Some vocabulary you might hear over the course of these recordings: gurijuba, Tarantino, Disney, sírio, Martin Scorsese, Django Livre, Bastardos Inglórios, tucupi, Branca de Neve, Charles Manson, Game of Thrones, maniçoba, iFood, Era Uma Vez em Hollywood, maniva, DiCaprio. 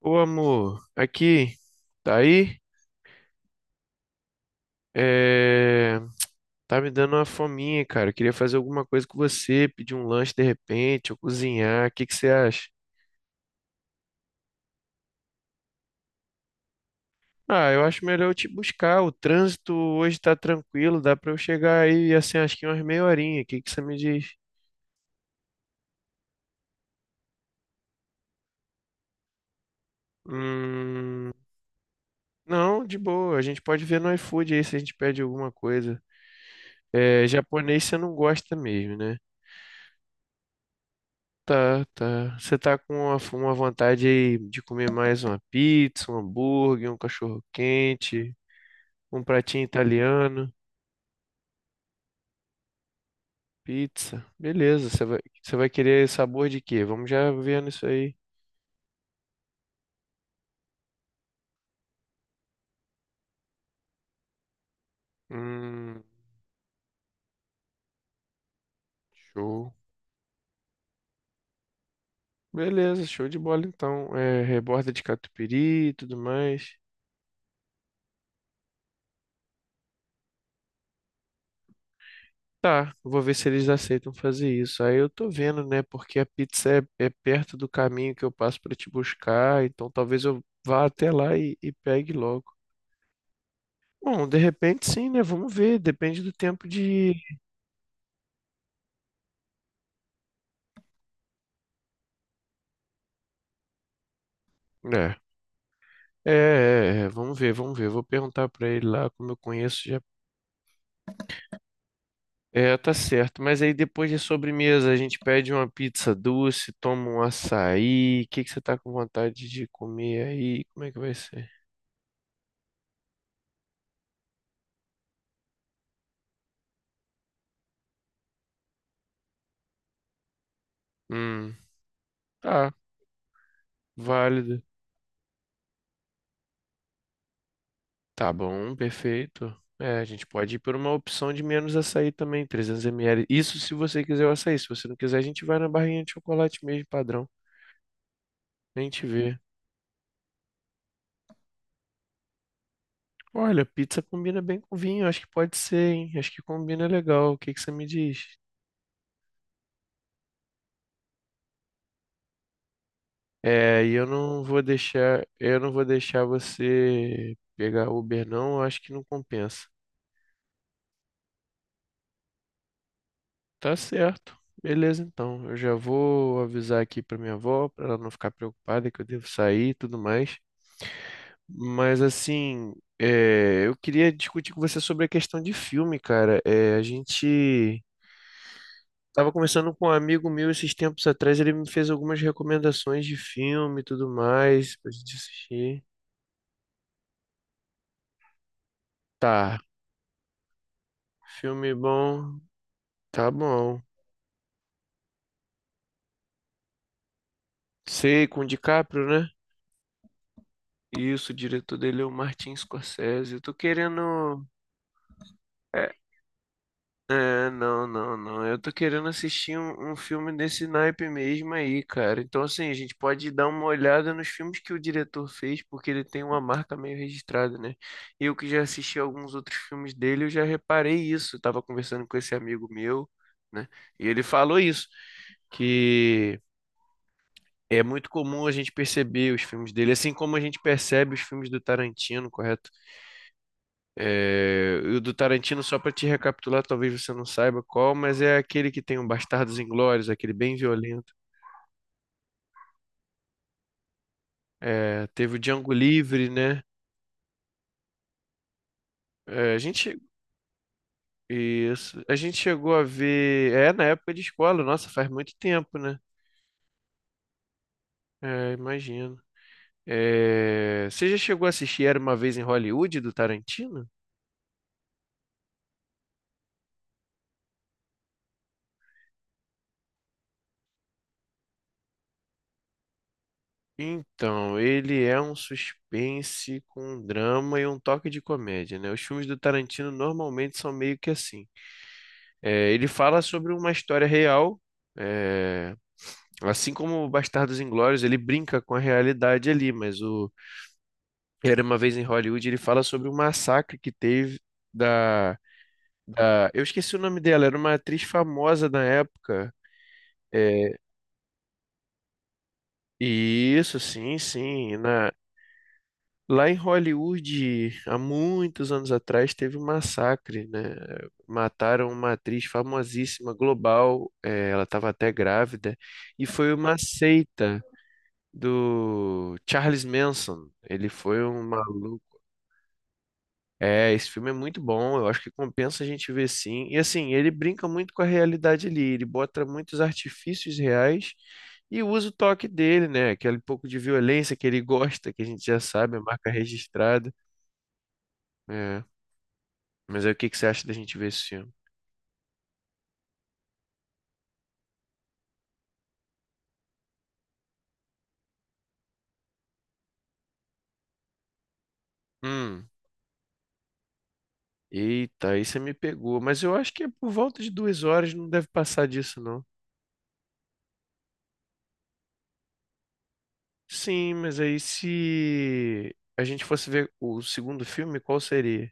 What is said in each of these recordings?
Ô amor, aqui, tá aí? É, Tá me dando uma fominha, cara. Eu queria fazer alguma coisa com você, pedir um lanche de repente, ou cozinhar. O que que você acha? Ah, eu acho melhor eu te buscar. O trânsito hoje tá tranquilo, dá pra eu chegar aí, assim, acho que umas meia horinha. O que que você me diz? Hum... Não, de boa. A gente pode ver no iFood aí se a gente pede alguma coisa. É, japonês você não gosta mesmo, né? Tá, tá. Você tá com uma vontade aí de comer mais uma pizza, um hambúrguer, um cachorro quente, um pratinho italiano, pizza. Beleza, você vai querer sabor de quê? Vamos já vendo isso aí. Hum, show. Beleza, show de bola então. É, reborda de catupiry e tudo mais. Tá, eu vou ver se eles aceitam fazer isso. Aí eu tô vendo, né? Porque a pizza é perto do caminho que eu passo pra te buscar, então talvez eu vá até lá e pegue logo. Bom, de repente sim, né? Vamos ver, depende do tempo de. É, vamos ver, vamos ver. Vou perguntar pra ele lá, como eu conheço já. É, tá certo. Mas aí depois de sobremesa, a gente pede uma pizza doce, toma um açaí. O que que você tá com vontade de comer aí? Como é que vai ser? Hum, tá, válido. Tá bom, perfeito. É, a gente pode ir por uma opção de menos açaí também, 300 ml. Isso se você quiser o açaí. Se você não quiser, a gente vai na barrinha de chocolate mesmo, padrão. Nem te vê. Olha, pizza combina bem com vinho, acho que pode ser, hein? Acho que combina legal. O que que você me diz? É, e eu não vou deixar você pegar Uber, não, eu acho que não compensa. Tá certo. Beleza, então. Eu já vou avisar aqui pra minha avó, pra ela não ficar preocupada que eu devo sair e tudo mais. Mas assim, é, eu queria discutir com você sobre a questão de filme, cara. É, a gente tava conversando com um amigo meu esses tempos atrás, ele me fez algumas recomendações de filme e tudo mais pra gente assistir. Tá, filme bom, tá bom. Sei, com o DiCaprio, né? Isso, o diretor dele é o Martin Scorsese. Eu tô querendo. é, É, não. Eu tô querendo assistir um filme desse naipe mesmo aí, cara. Então, assim, a gente pode dar uma olhada nos filmes que o diretor fez, porque ele tem uma marca meio registrada, né? Eu que já assisti alguns outros filmes dele, eu já reparei isso. Eu tava conversando com esse amigo meu, né? E ele falou isso, que é muito comum a gente perceber os filmes dele, assim como a gente percebe os filmes do Tarantino, correto? É, e o do Tarantino, só para te recapitular, talvez você não saiba qual, mas é aquele que tem o Bastardos Inglórios, aquele bem violento. É, teve o Django Livre, né? É, a gente, isso, a gente chegou a ver. É, na época de escola, nossa, faz muito tempo, né? É, imagino. É, você já chegou a assistir Era Uma Vez em Hollywood do Tarantino? Então, ele é um suspense com um drama e um toque de comédia, né? Os filmes do Tarantino normalmente são meio que assim. É, ele fala sobre uma história real, é, assim como o Bastardos Inglórios, ele brinca com a realidade ali, mas o Era uma vez em Hollywood, ele fala sobre um massacre que teve da, da- eu esqueci o nome dela, era uma atriz famosa na época. É, isso, sim, na Lá em Hollywood, há muitos anos atrás, teve um massacre, né? Mataram uma atriz famosíssima, global, é, ela estava até grávida, e foi uma seita do Charles Manson. Ele foi um maluco. É, esse filme é muito bom, eu acho que compensa a gente ver sim. E assim, ele brinca muito com a realidade ali, ele bota muitos artifícios reais e usa o toque dele, né? Aquele pouco de violência que ele gosta, que a gente já sabe, é marca registrada. É. Mas aí o que que você acha da gente ver esse filme? Hum, eita, aí você me pegou. Mas eu acho que é por volta de 2 horas, não deve passar disso, não. Sim, mas aí se a gente fosse ver o segundo filme, qual seria?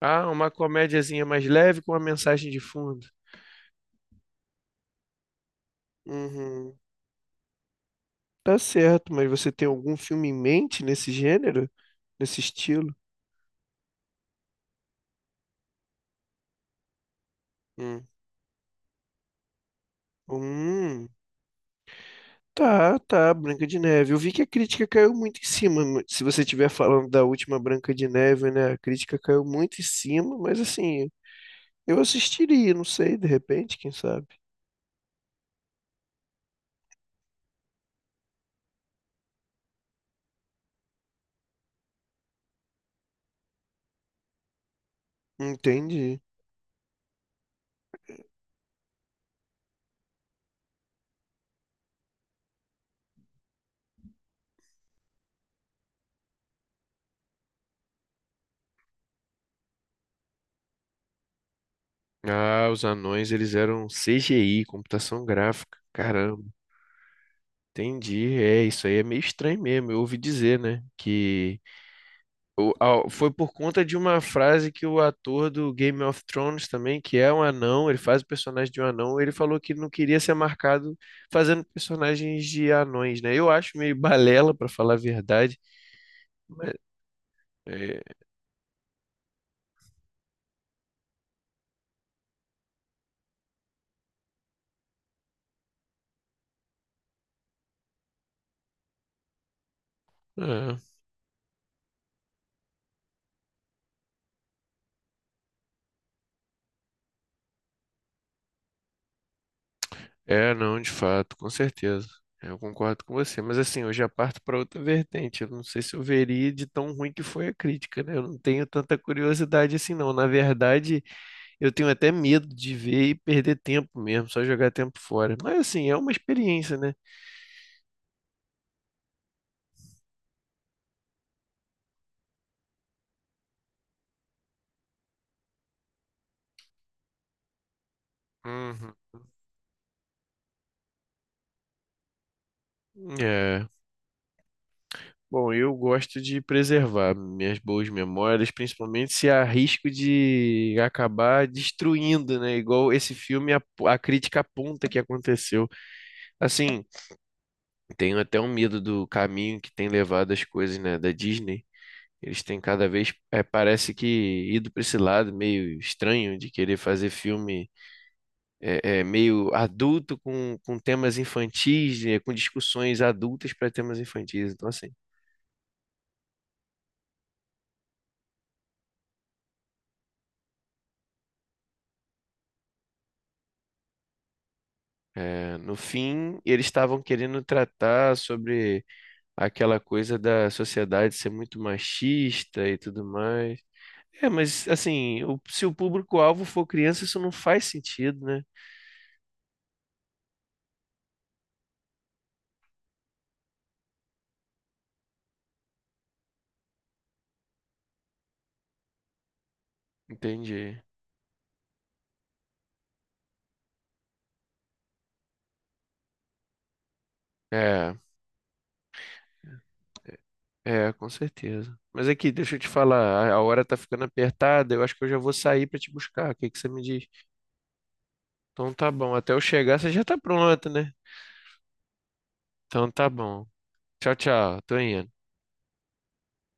Ah, uma comédiazinha mais leve com uma mensagem de fundo. Uhum. Tá certo, mas você tem algum filme em mente nesse gênero? Nesse estilo? Hum. Hum. Tá, tá, Branca de Neve. Eu vi que a crítica caiu muito em cima. Se você estiver falando da última Branca de Neve, né? A crítica caiu muito em cima, mas assim, eu assistiria, não sei, de repente, quem sabe? Entendi. Ah, os anões, eles eram CGI, computação gráfica. Caramba, entendi. É, isso aí é meio estranho mesmo. Eu ouvi dizer, né? Que foi por conta de uma frase que o ator do Game of Thrones também, que é um anão, ele faz o personagem de um anão, ele falou que não queria ser marcado fazendo personagens de anões, né? Eu acho meio balela, pra falar a verdade. Mas, é, ah. É, não, de fato, com certeza. É, eu concordo com você, mas assim, eu já parto para outra vertente. Eu não sei se eu veria de tão ruim que foi a crítica, né? Eu não tenho tanta curiosidade assim, não. Na verdade, eu tenho até medo de ver e perder tempo mesmo, só jogar tempo fora. Mas assim, é uma experiência, né? Uhum. É. Bom, eu gosto de preservar minhas boas memórias, principalmente se há risco de acabar destruindo, né? Igual esse filme, a crítica aponta que aconteceu. Assim, tenho até um medo do caminho que tem levado as coisas, né, da Disney. Eles têm cada vez, é, parece que ido para esse lado meio estranho de querer fazer filme meio adulto com temas infantis, é, com discussões adultas para temas infantis. Então, assim, é, no fim, eles estavam querendo tratar sobre aquela coisa da sociedade ser muito machista e tudo mais. É, mas assim, se o público-alvo for criança, isso não faz sentido, né? Entendi. É, com certeza. Mas aqui, deixa eu te falar, a hora tá ficando apertada, eu acho que eu já vou sair pra te buscar. O que que você me diz? Então tá bom, até eu chegar você já tá pronto, né? Então tá bom. Tchau, tchau. Tô indo.